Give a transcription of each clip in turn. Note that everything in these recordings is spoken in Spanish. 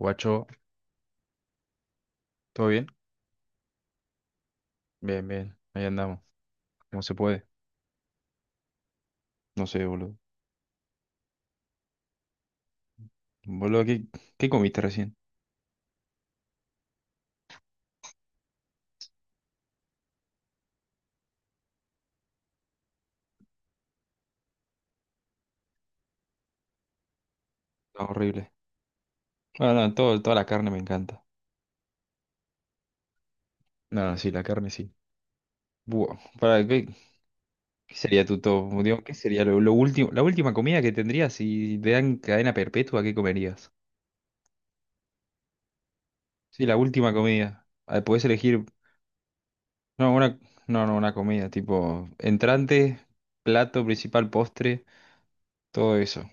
Guacho, ¿todo bien? Bien, bien, ahí andamos. ¿Cómo se puede? No sé, boludo. Boludo, ¿qué comiste recién? No, horrible. Bueno, no, toda la carne me encanta. No, sí, la carne sí. Buah, para, ¿qué sería tu top? Digo, ¿qué sería la última comida que tendrías si te dan cadena perpetua, ¿qué comerías? Sí, la última comida. Ah, podés elegir, no, una, no, no, una comida, tipo entrante, plato principal, postre, todo eso.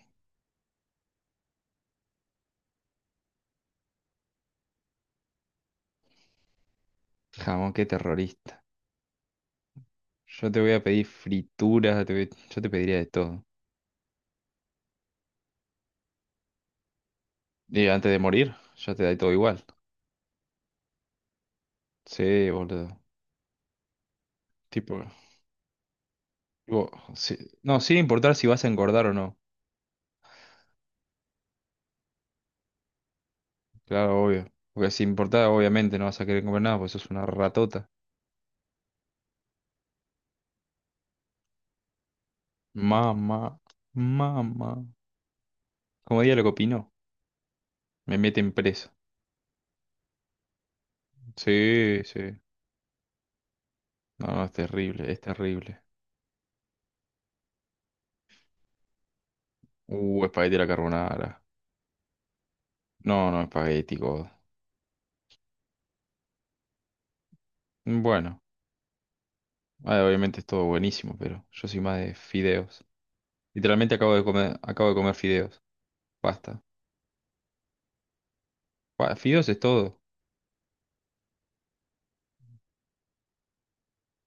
Jamón, qué terrorista. Yo te voy a pedir frituras, yo te pediría de todo. Y antes de morir, ya te da todo igual. Sí, boludo. Tipo, tipo, sí- no, sin importar si vas a engordar o no. Claro, obvio. Porque si importa, obviamente no vas a querer comer nada, porque sos una ratota. Mamá, mamá. Como diría lo que opinó, me meten preso. Sí, sí. No, no, es terrible, es terrible. Espagueti a la carbonara. No, no, espagueti, God. Bueno, obviamente es todo buenísimo, pero yo soy más de fideos. Literalmente acabo de comer fideos. Pasta Fideos es todo.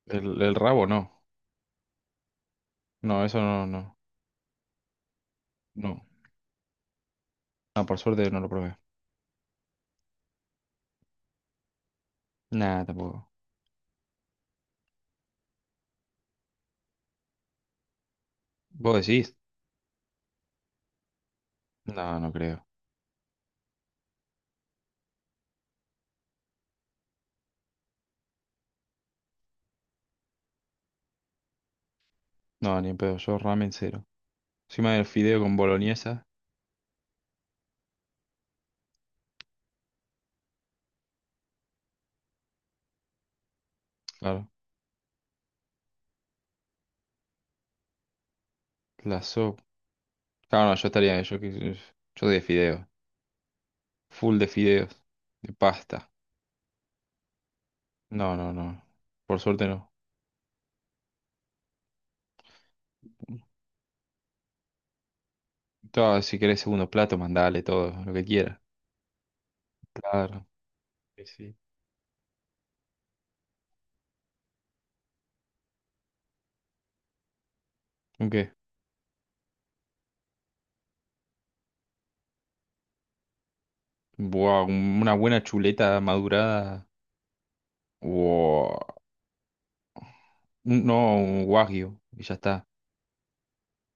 El rabo no. No, eso no, no. No. No, por suerte no lo probé. Nada, tampoco. ¿Vos decís? No, no creo. No, ni en pedo. Yo ramen cero. Encima del fideo con boloñesa. Claro. La sopa. Claro, no, yo estaría. Yo de fideos. Full de fideos. De pasta. No, no, no. Por suerte no. Todo, si querés segundo plato, mandale todo, lo que quieras. Claro. Sí, sí. Ok. Buah, una buena chuleta madurada. Buah, no, un wagyu. Y ya está.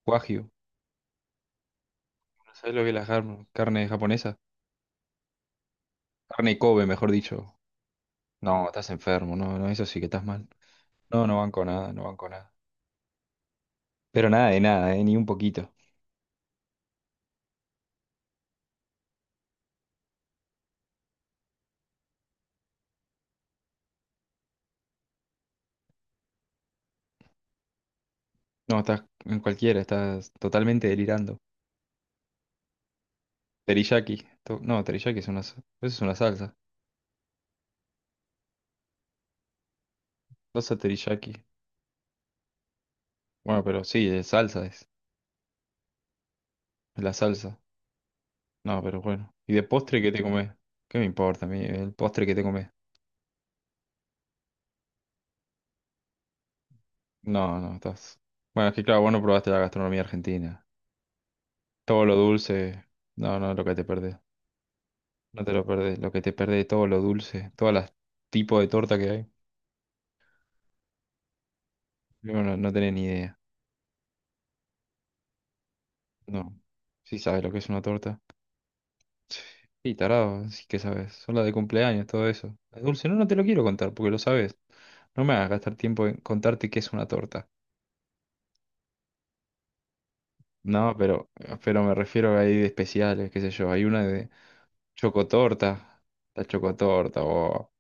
Wagyu. ¿Sabes lo que es carne japonesa? Carne Kobe, mejor dicho. No, estás enfermo. No, no, eso sí que estás mal. No, no banco nada, no banco nada. Pero nada de nada, ni un poquito. No, estás en cualquiera, estás totalmente delirando. No, teriyaki es eso es una salsa. Salsa teriyaki. Bueno, pero sí, es salsa es. Es la salsa. No, pero bueno. ¿Y de postre qué te comes? ¿Qué me importa a mí el postre que te comes? No, no, estás... Bueno, es que claro, vos no probaste la gastronomía argentina. Todo lo dulce, no, no, lo que te perdés. No te lo perdés, lo que te perdés, todo lo dulce, todos los tipos de torta que hay. Yo no, no tenés ni idea. No. Sí sabes lo que es una torta. Y tarado, sí que sabes. Son las de cumpleaños, todo eso. Es dulce, no, no te lo quiero contar porque lo sabes. No me hagas gastar tiempo en contarte qué es una torta. No, pero me refiero a ahí de especiales, qué sé yo. Hay una de chocotorta. La chocotorta, o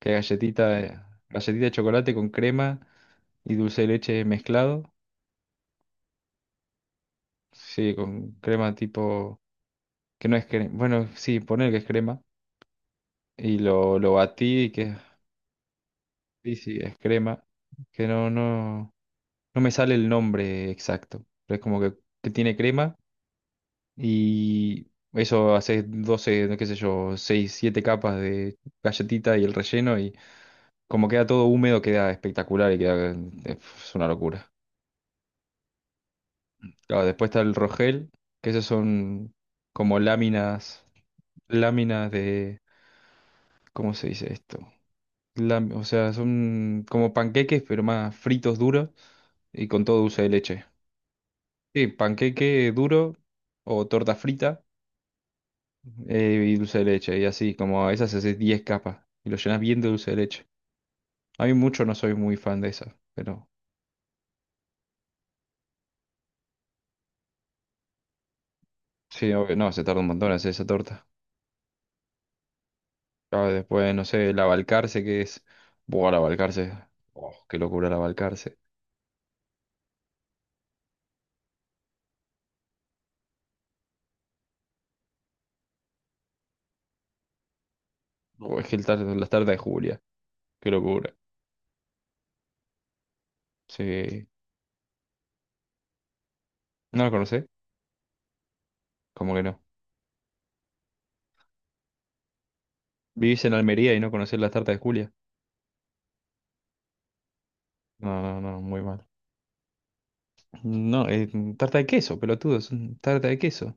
qué galletita de chocolate con crema y dulce de leche mezclado. Sí, con crema tipo, que no es crema. Bueno, sí, poner que es crema. Y lo batí y que sí, sí, es crema. Que no, no, no me sale el nombre exacto. Pero es como que tiene crema. Y eso haces 12 no qué sé yo, 6 7 capas de galletita y el relleno y como queda todo húmedo queda espectacular y queda, es una locura. Claro, después está el rogel, que esos son como láminas de, ¿cómo se dice esto? O sea, son como panqueques pero más fritos duros y con todo dulce de leche. Sí, panqueque duro o torta frita y dulce de leche, y así, como a esas haces 10 capas y lo llenas bien de dulce de leche. A mí mucho no soy muy fan de esas, pero sí, obvio, no, se tarda un montón en hacer esa torta. Ah, después, no sé, el abalcarce, que es. Buah, el abalcarce. Oh, qué locura el abalcarce. No, o es que las tartas de Julia, qué locura. Sí. ¿No la conocés? Como que no. ¿Vivís en Almería y no conocés las tartas de Julia? No, no, no, muy mal. No, tarta de queso, pelotudo, tarta de queso.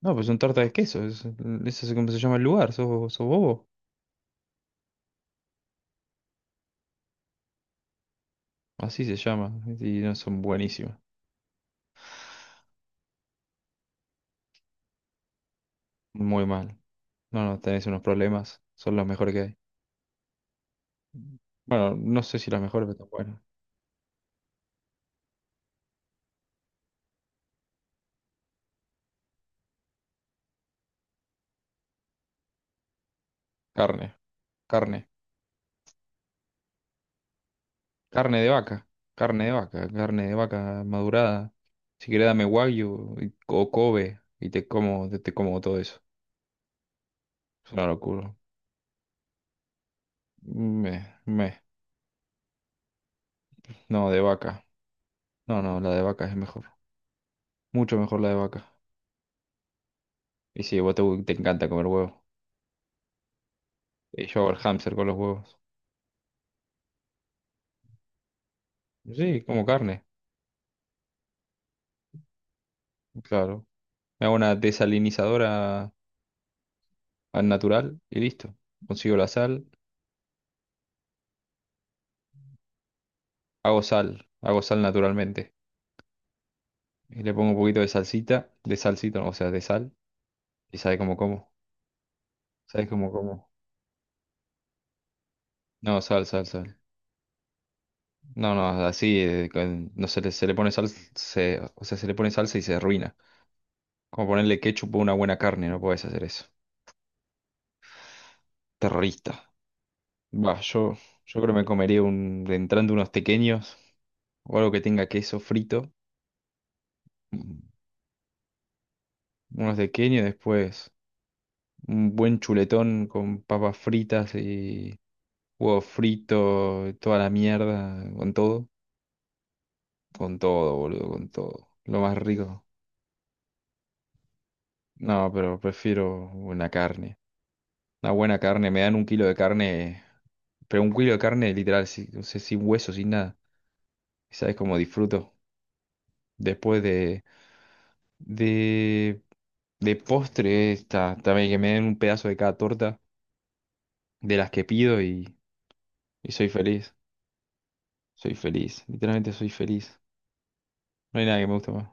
No, pues son tarta de queso, eso es como se llama el lugar, sos bobo. Así se llama, y no son buenísimas, muy mal. No, no, tenés unos problemas, son los mejores que hay. Bueno, no sé si las mejores, pero están buenas. Carne, carne, carne de vaca, carne de vaca, carne de vaca madurada. Si querés dame wagyu o Kobe y te como, te como todo eso. Es una locura. Me, me, no, de vaca. No, no, la de vaca es mejor, mucho mejor la de vaca. Y si vos te encanta comer huevo. Yo hago el hámster con los huevos. Sí, como carne, claro. Me hago una desalinizadora al natural y listo. Consigo la sal, hago sal naturalmente. Y le pongo un poquito de salsita, o sea, de sal. Y sabe cómo como. ¿Sabes cómo como? No, sal, sal, sal. No, no, así, no se le, se le pone sal, se, o sea, se le pone salsa y se arruina. Como ponerle ketchup a una buena carne, no puedes hacer eso. Terrorista. Va, yo creo que me comería entrando unos pequeños o algo que tenga queso frito, mm, unos tequeños, después un buen chuletón con papas fritas y huevo frito, toda la mierda, con todo, boludo, con todo, lo más rico. No, pero prefiero una carne, una buena carne, me dan un kilo de carne, pero un kilo de carne literal, sí, o sea, sin hueso, sin nada, ¿sabes cómo disfruto? Después de, de postre, está, también que me den un pedazo de cada torta de las que pido y soy feliz. Soy feliz, literalmente soy feliz. No hay nada que me guste más.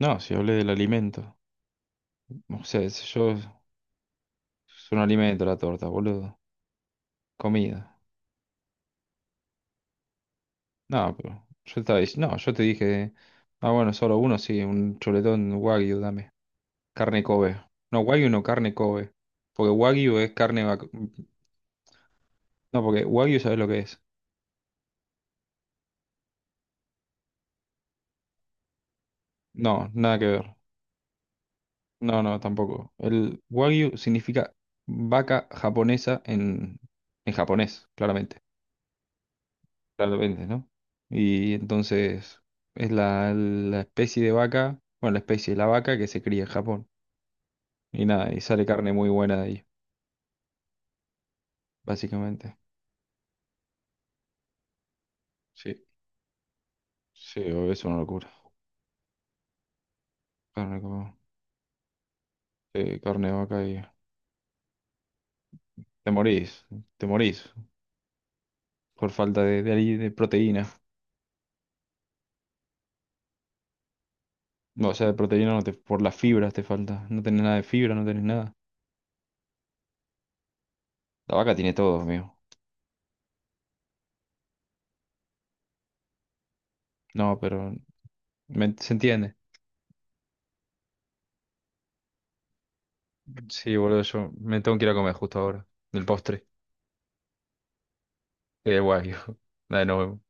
No, si hablé del alimento. O sea, si yo es un alimento la torta, boludo. Comida. No, pero yo estaba diciendo, no, yo te dije, bueno, solo uno, sí, un chuletón wagyu, dame. Carne Kobe. No, wagyu no, carne Kobe. Porque wagyu es carne vacu- No, porque wagyu sabes lo que es. No, nada que ver. No, no, tampoco. El wagyu significa vaca japonesa en japonés, claramente. Claramente, ¿no? Y entonces es la especie de vaca, bueno, la especie de la vaca que se cría en Japón. Y nada, y sale carne muy buena de ahí, básicamente. Sí, sí, obvio, es una locura. Carne, sí, carne de vaca y te morís, te morís por falta de proteína. No, o sea, de proteína no te, por las fibras te falta. No tenés nada de fibra, no tenés nada. La vaca tiene todo, amigo. No, pero se entiende. Sí, boludo, yo me tengo que ir a comer justo ahora. Del postre. Guay, hijo. Dale, nos vemos.